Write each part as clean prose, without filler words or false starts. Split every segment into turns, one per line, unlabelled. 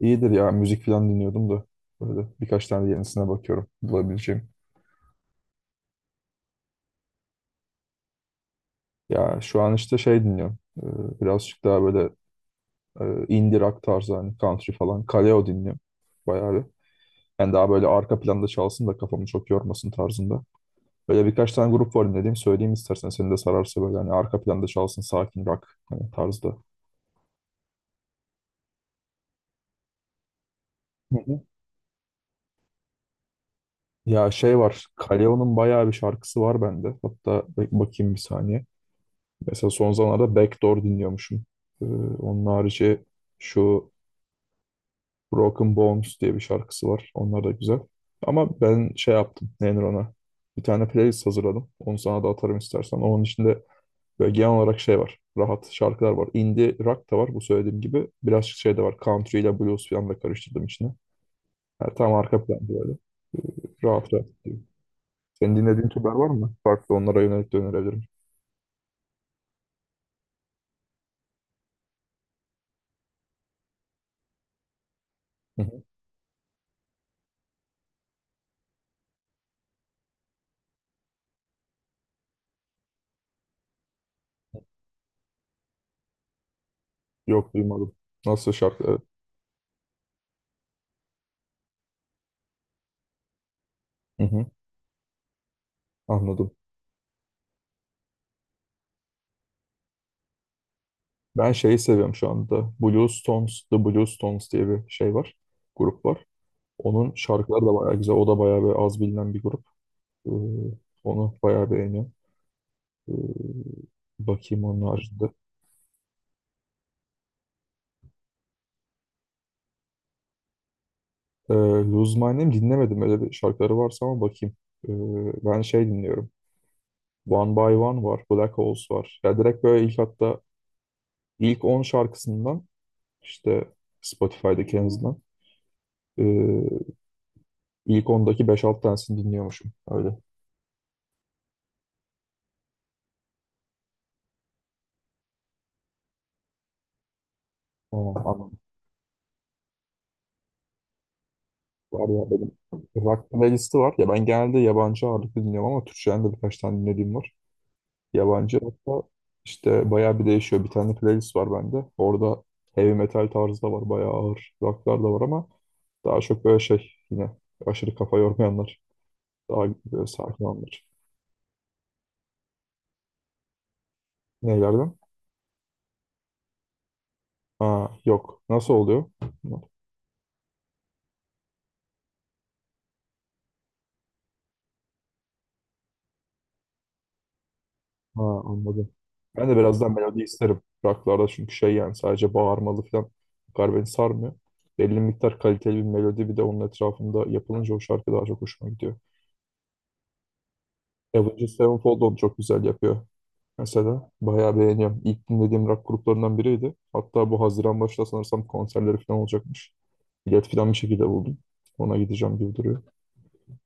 İyidir ya müzik falan dinliyordum da böyle birkaç tane yenisine bakıyorum bulabileceğim. Ya şu an işte şey dinliyorum. Birazcık daha böyle e, indie rock tarzı hani country falan. Kaleo dinliyorum bayağı bir. Yani daha böyle arka planda çalsın da kafamı çok yormasın tarzında. Böyle birkaç tane grup var dinlediğim söyleyeyim istersen seni de sararsa böyle hani arka planda çalsın sakin rock hani tarzda. Hı hı. Ya şey var Kaleo'nun bayağı bir şarkısı var bende. Hatta bakayım bir saniye. Mesela son zamanlarda Backdoor dinliyormuşum. Ee, onun harici şu Broken Bones diye bir şarkısı var. Onlar da güzel. Ama ben şey yaptım. Nedir ona? Bir tane playlist hazırladım. Onu sana da atarım istersen. Onun içinde böyle genel olarak şey var. Rahat şarkılar var. Indie rock da var bu söylediğim gibi. Birazcık şey de var. Country ile blues falan da karıştırdım içine. Yani tam arka planda böyle. Rahat rahat gidiyor. Senin dinlediğin türler var mı? Farklı onlara yönelik de önerebilirim. Hı hı. Yok duymadım. Nasıl şarkı? Evet. Hı hı. Anladım. Ben şeyi seviyorum şu anda. Blue Stones, The Blue Stones diye bir şey var. Grup var. Onun şarkıları da bayağı güzel. O da bayağı bir az bilinen bir grup. Ee, onu bayağı beğeniyorum. Ee, bakayım onun haricinde. Ee, Lose My Name dinlemedim. Öyle bir şarkıları varsa ama bakayım. Ee, ben şey dinliyorum. One by One var. Black Holes var. Ya direkt böyle ilk hatta ilk 10 şarkısından işte Spotify'daki en azından ee, ilk 10'daki beş 6 tanesini dinliyormuşum. Öyle. Tamam, anladım. Var ya benim rock playlisti var. Ya ben genelde yabancı ağırlıklı dinliyorum ama Türkçeden de birkaç tane dinlediğim var. Yabancı hatta işte bayağı bir değişiyor. Bir tane playlist var bende. Orada heavy metal tarzı da var. Bayağı ağır rocklar da var ama daha çok böyle şey yine aşırı kafa yormayanlar. Daha böyle sakin olanlar. Nelerden? Ha, yok. Nasıl oluyor? Ha, anladım. Ben de birazdan melodi isterim. Rocklarda çünkü şey yani sadece bağırmalı falan bu kadar beni sarmıyor. Belli miktar kaliteli bir melodi bir de onun etrafında yapılınca o şarkı daha çok hoşuma gidiyor. Avenged Sevenfold onu çok güzel yapıyor. Mesela bayağı beğeniyorum. İlk dinlediğim rock gruplarından biriydi. Hatta bu Haziran başında sanırsam konserleri falan olacakmış. Bilet falan bir şekilde buldum. Ona gideceğim gibi duruyor.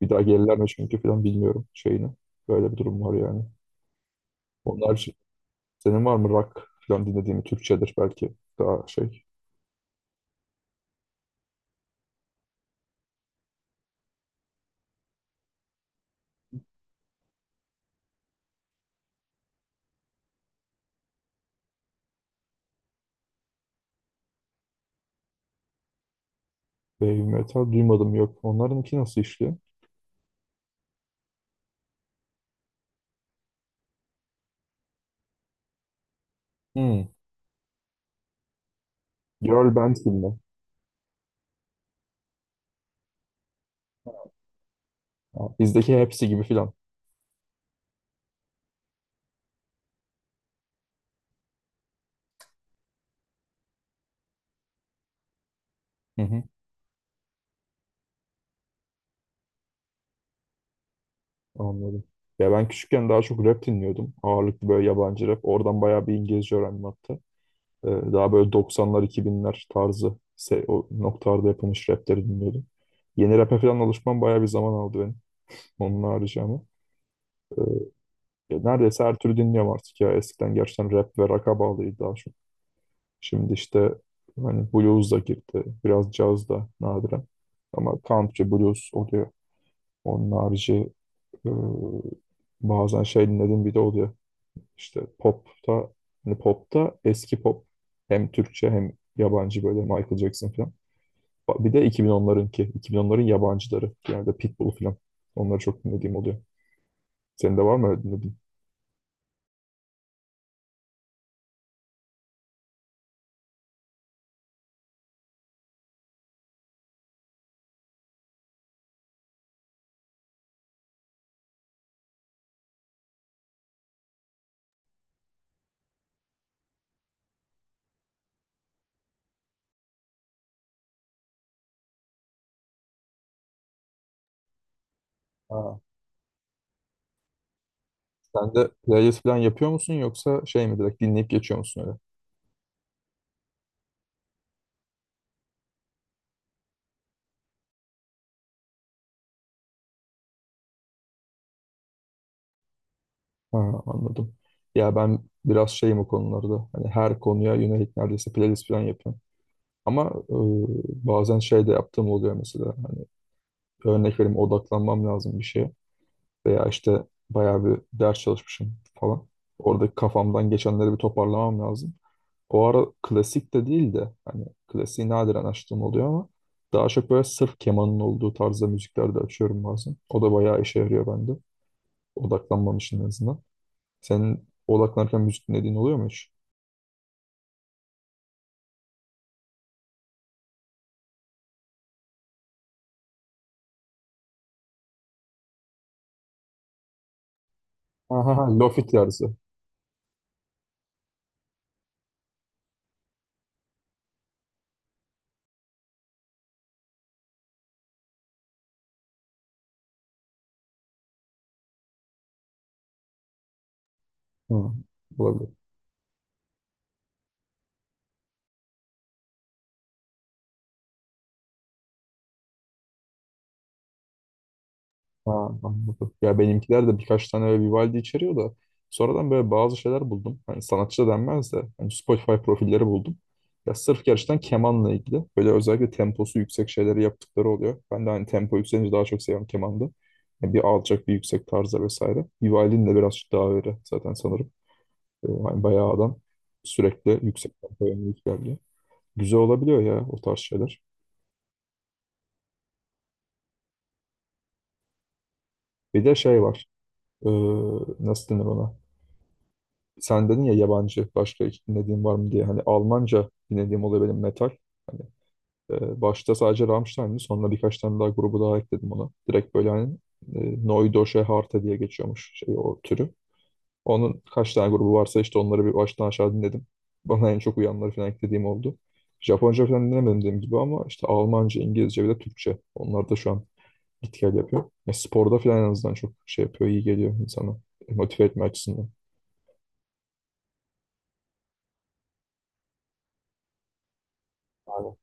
Bir daha gelirler mi çünkü falan bilmiyorum şeyini. Böyle bir durum var yani. Onlar Senin var mı rock falan dinlediğin Türkçedir belki daha şey. Heavy metal duymadım yok. Onlarınki nasıl işliyor? Hmm. Girl band gibi mi? Ha, bizdeki hepsi gibi falan. Hı hı. Anladım. Ya ben küçükken daha çok rap dinliyordum. Ağırlıklı böyle yabancı rap. Oradan bayağı bir İngilizce öğrendim hatta. Ee, daha böyle 90'lar 2000'ler tarzı o noktalarda yapılmış rapleri dinliyordum. Yeni rap'e falan alışmam bayağı bir zaman aldı benim. Onun haricinde ama. Ee, Ya neredeyse her türlü dinliyorum artık ya. Eskiden gerçekten rap ve rock'a bağlıydı daha çok. Şimdi işte hani blues da girdi. Biraz caz da nadiren. Ama country blues oluyor. Onun harici e, bazen şey dinlediğim bir de oluyor. İşte popta hani popta eski pop. Hem Türkçe hem yabancı böyle Michael Jackson falan. Bir de 2010'larınki. 2010'ların yabancıları. Yani de Pitbull falan. Onları çok dinlediğim oluyor. Senin de var mı öyle dinlediğin? Ha. Sen de playlist falan yapıyor musun yoksa şey mi direkt dinleyip geçiyor musun? Ha, anladım. Ya ben biraz şeyim o konularda. Hani her konuya yönelik neredeyse playlist falan yapıyorum. Ama e, bazen şey de yaptığım oluyor mesela. Hani örnek vereyim odaklanmam lazım bir şeye. Veya işte bayağı bir ders çalışmışım falan. Oradaki kafamdan geçenleri bir toparlamam lazım. O ara klasik de değil de hani klasiği nadiren açtığım oluyor ama daha çok böyle sırf kemanın olduğu tarzda müzikler de açıyorum bazen. O da bayağı işe yarıyor bende. Odaklanmam için en azından. Senin odaklanırken müzik dinlediğin oluyor mu hiç? Aha, ha, lofi tarzı. Hı, olabilir. Ha, anladım. Ya benimkiler de birkaç tane böyle Vivaldi içeriyor da sonradan böyle bazı şeyler buldum. Hani sanatçı da denmez de hani Spotify profilleri buldum. Ya sırf gerçekten kemanla ilgili böyle özellikle temposu yüksek şeyleri yaptıkları oluyor. Ben de hani tempo yükselince daha çok seviyorum kemanda. Yani bir alçak bir yüksek tarzda vesaire. Vivaldi'nin de birazcık daha öyle zaten sanırım. Hani bayağı adam sürekli yüksek tempoya müzik yapıyor. Güzel olabiliyor ya o tarz şeyler. Bir de şey var. Ee, nasıl denir ona? Sen dedin ya yabancı başka hiç dinlediğin var mı diye. Hani Almanca dinlediğim oluyor benim metal. Hani başta sadece Rammstein'di. Sonra birkaç tane daha grubu daha ekledim ona. Direkt böyle hani e, Neue Deutsche Harte diye geçiyormuş şey o türü. Onun kaç tane grubu varsa işte onları bir baştan aşağı dinledim. Bana en çok uyanları falan eklediğim oldu. Japonca falan dinlemedim dediğim gibi ama işte Almanca, İngilizce ve de Türkçe. Onlar da şu an etkiler yapıyor. Ya sporda falan en azından çok şey yapıyor, iyi geliyor insana. Motive etme açısından. Aynen.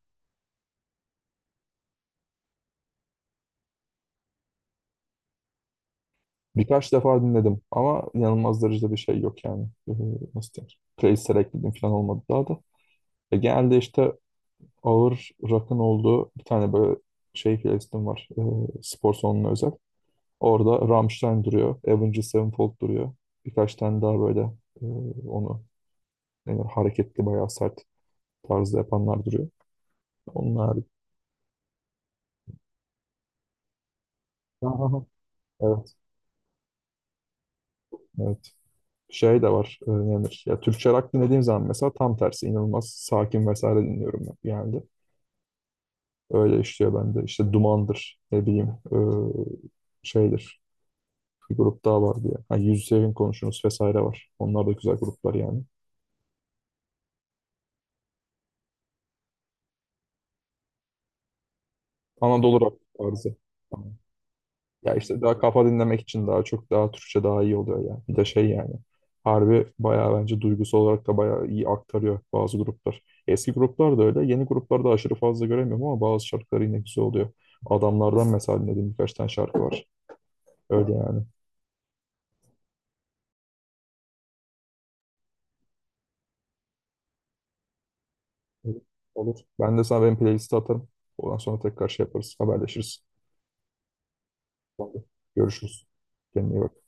Birkaç defa dinledim ama inanılmaz derecede bir şey yok yani. Nasıl denir? Playlist'e ekledim falan olmadı daha da. Genelde işte ağır rock'ın olduğu bir tane böyle şey playlistim var. Spor salonuna özel. Orada Rammstein duruyor. Avenged Sevenfold duruyor. Birkaç tane daha böyle e, onu yani hareketli bayağı sert tarzda yapanlar duruyor. Onlar Aha. Evet, evet. Şey de var. Ne denir? Ya Türkçe rock dinlediğim zaman mesela tam tersi inanılmaz sakin vesaire dinliyorum ben genelde. Öyle işliyor bende. İşte Duman'dır ne bileyim şeydir. Bir grup daha var diye. Ha, Yüz Sevin Konuşunuz vesaire var. Onlar da güzel gruplar yani. Anadolu rock tarzı. Ya işte daha kafa dinlemek için daha çok daha Türkçe daha iyi oluyor ya. Bir de şey yani. Harbi bayağı bence duygusal olarak da bayağı iyi aktarıyor bazı gruplar. Eski gruplar da öyle. Yeni gruplarda aşırı fazla göremiyorum ama bazı şarkıları yine güzel oluyor. Adamlardan mesela dinlediğim birkaç tane şarkı var. Öyle yani. Olur. Ben de sana benim playlisti atarım. Ondan sonra tekrar şey yaparız. Haberleşiriz. Tamam. Görüşürüz. Kendine iyi bak.